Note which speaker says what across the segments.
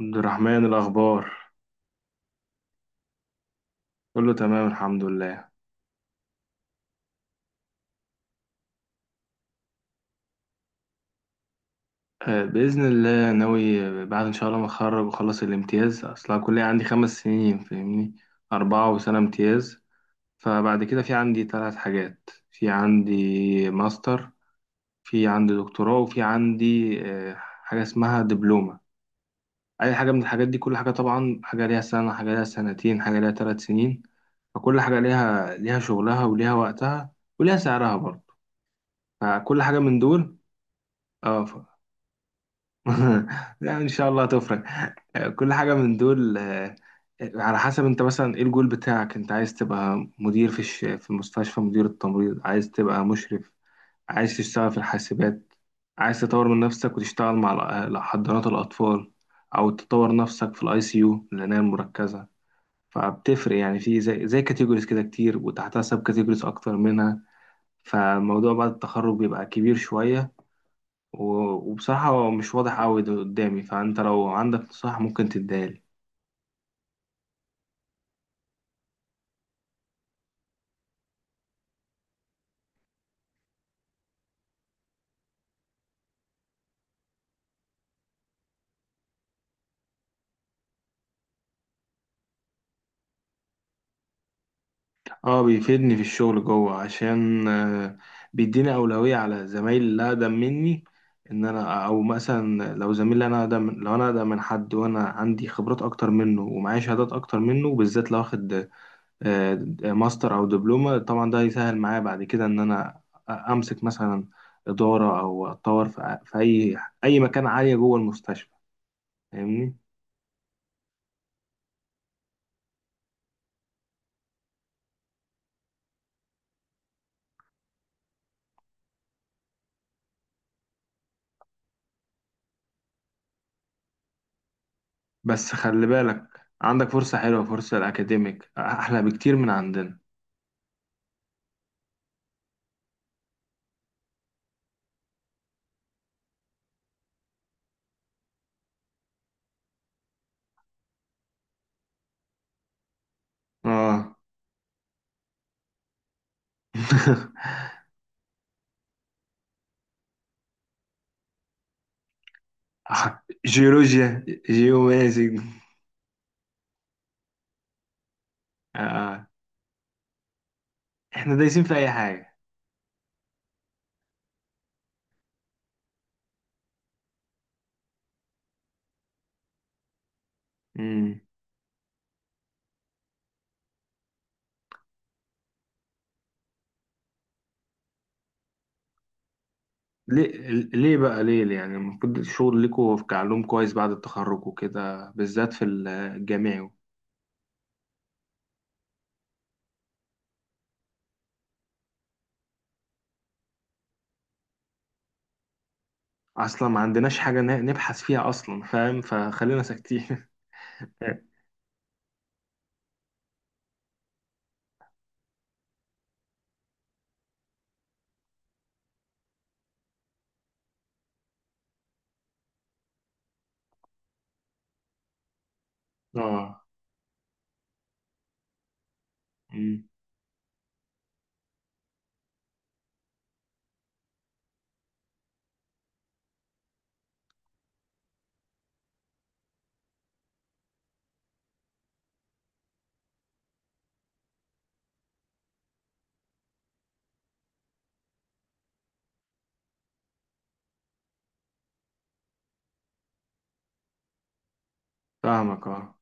Speaker 1: عبد الرحمن الأخبار. كله تمام، الحمد لله. بإذن الله ناوي. بعد إن شاء الله ما أتخرج وأخلص الامتياز، أصل أنا الكلية عندي 5 سنين، فاهمني؟ 4 وسنة امتياز. فبعد كده في عندي 3 حاجات، في عندي ماستر، في عندي دكتوراه، وفي عندي حاجة اسمها دبلومة. أي حاجة من الحاجات دي، كل حاجة طبعا، حاجة ليها 1 سنة، حاجة ليها 2 سنة، حاجة ليها 3 سنين. فكل حاجة ليها شغلها وليها وقتها، وليها سعرها برضه. فكل حاجة من دول اه. لا ان شاء الله هتفرق. كل حاجه من دول، على حسب انت مثلا ايه الجول بتاعك. انت عايز تبقى مدير في المستشفى، مدير التمريض، عايز تبقى مشرف، عايز تشتغل في الحاسبات، عايز تطور من نفسك وتشتغل مع حضانات الاطفال، او تطور نفسك في الاي سي يو، العنايه المركزه. فبتفرق يعني، في زي كاتيجوريز كده كتير، وتحتها سب كاتيجوريز اكتر منها. فالموضوع بعد التخرج بيبقى كبير شويه، وبصراحة هو مش واضح أوي ده قدامي، فأنت لو عندك نصيحة ممكن تديهالي. اه بيفيدني في الشغل جوه، عشان بيديني أولوية على زمايلي اللي أقدم مني. إن أنا أو مثلا لو زميلي، أنا أقدم، لو أنا أقدم من حد وأنا عندي خبرات أكتر منه ومعايا شهادات أكتر منه، بالذات لو واخد آه، ماستر أو دبلومة، طبعا ده هيسهل معايا بعد كده إن أنا أمسك مثلا إدارة، أو أتطور في أي مكان عالية جوه المستشفى. فاهمني؟ بس خلي بالك، عندك فرصة حلوة، فرصة الأكاديميك أحلى بكتير من عندنا. آه. جيولوجيا. جيومازي. آه. إحنا دايسين في أي حاجة. مم. ليه؟ ليه بقى ليه ليه؟ يعني المفروض الشغل ليكوا في كعلوم كويس بعد التخرج وكده، بالذات في الجامعي. أصلا ما عندناش حاجة نبحث فيها أصلا، فاهم؟ فخلينا ساكتين. آه. مم. فاهمك آه.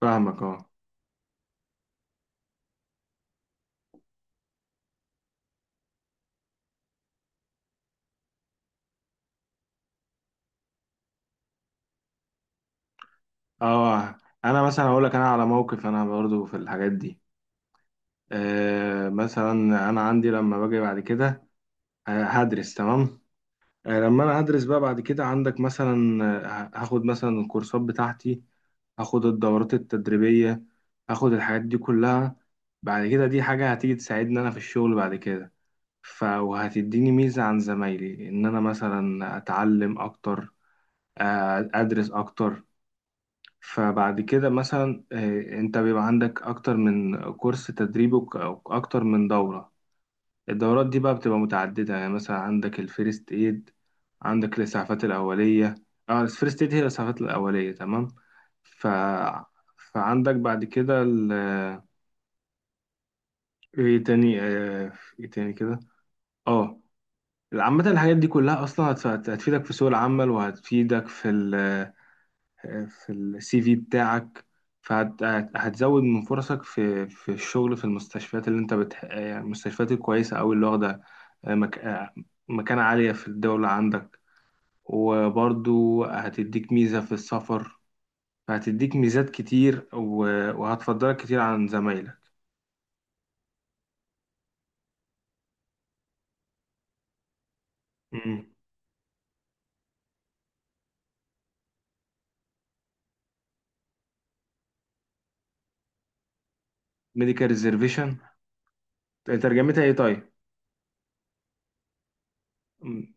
Speaker 1: فاهمك آه. اه انا مثلا اقول لك، انا على موقف انا برضو في الحاجات دي. آه مثلا، انا عندي لما باجي بعد كده، آه هدرس تمام. آه لما انا هدرس بقى بعد كده، عندك مثلا، هاخد مثلا الكورسات بتاعتي، هاخد الدورات التدريبية، هاخد الحاجات دي كلها. بعد كده دي حاجة هتيجي تساعدني انا في الشغل بعد كده. ف وهتديني ميزة عن زمايلي، ان انا مثلا اتعلم اكتر، ادرس اكتر. فبعد كده مثلا، انت بيبقى عندك اكتر من كورس تدريب، او اكتر من دورة. الدورات دي بقى بتبقى متعددة، يعني مثلا عندك الفيرست ايد، عندك الاسعافات الاولية. اه الفيرست ايد هي الاسعافات الاولية، تمام. ف... فعندك بعد كده ال... ايه تاني ايه تاني كده؟ اه عامة الحاجات دي كلها اصلا هتفيدك في سوق العمل، وهتفيدك في ال... في السي في بتاعك. فهتزود من فرصك في الشغل، في المستشفيات اللي انت المستشفيات الكويسة أوي اللي واخدة، آه، مك... آه، مكانة عالية في الدولة عندك. وبرضو هتديك ميزة في السفر، فهتديك ميزات كتير و... وهتفضلك كتير عن زمايلك. ميديكال ريزرفيشن؟ ترجمتها ايه طيب؟ مم.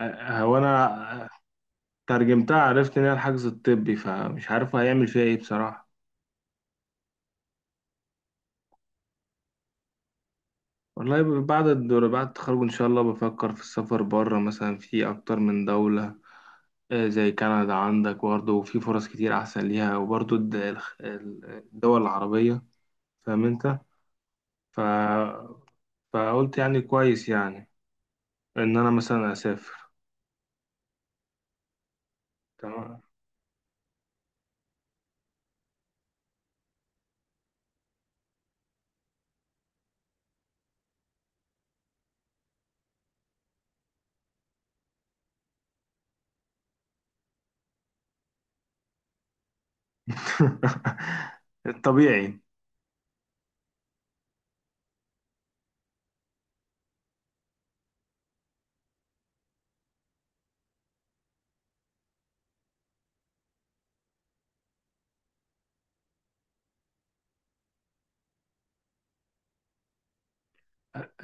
Speaker 1: هو انا ترجمتها عرفت ان هي الحجز الطبي، فمش عارف هيعمل فيها ايه بصراحة. والله بعد الدور، بعد التخرج إن شاء الله بفكر في السفر بره، مثلا في أكتر من دولة، زي كندا عندك برضه، وفي فرص كتير أحسن ليها، وبرضه الدول العربية، فاهم أنت؟ ف... فقلت يعني كويس يعني إن أنا مثلا أسافر. تمام. الطبيعي.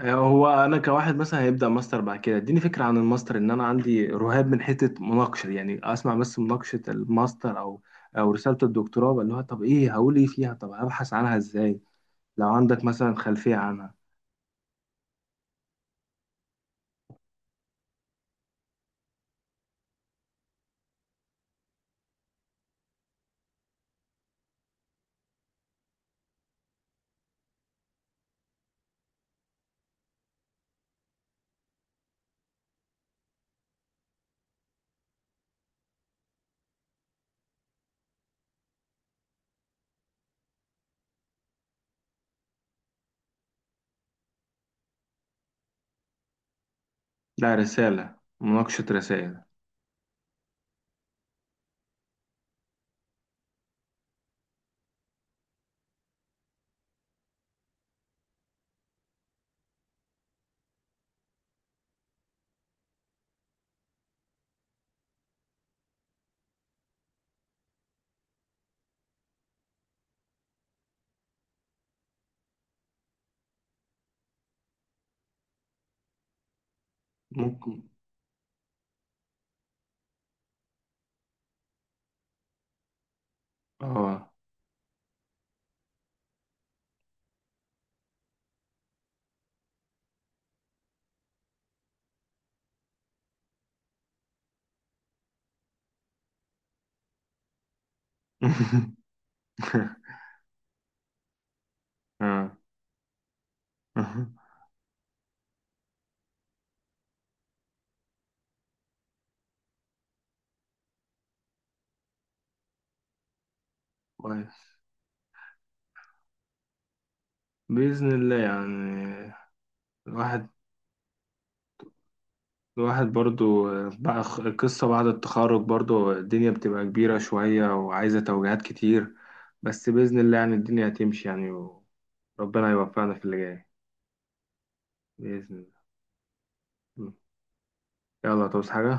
Speaker 1: هو انا كواحد مثلا هيبدا ماستر بعد كده، اديني فكره عن الماستر. ان انا عندي رهاب من حته مناقشه، يعني اسمع بس مناقشه الماستر او او رساله الدكتوراه، اللي هو طب ايه هقول ايه فيها، طب ابحث عنها ازاي؟ لو عندك مثلا خلفيه عنها. لا رساله، مناقشه رسائل. ممكن. اه. آه. كويس. بإذن الله يعني. الواحد، الواحد برضو بقى القصة بعد التخرج برضو الدنيا بتبقى كبيرة شوية، وعايزة توجيهات كتير، بس بإذن الله يعني الدنيا هتمشي يعني، وربنا يوفقنا في اللي جاي. بإذن الله. يلا، توصي حاجة؟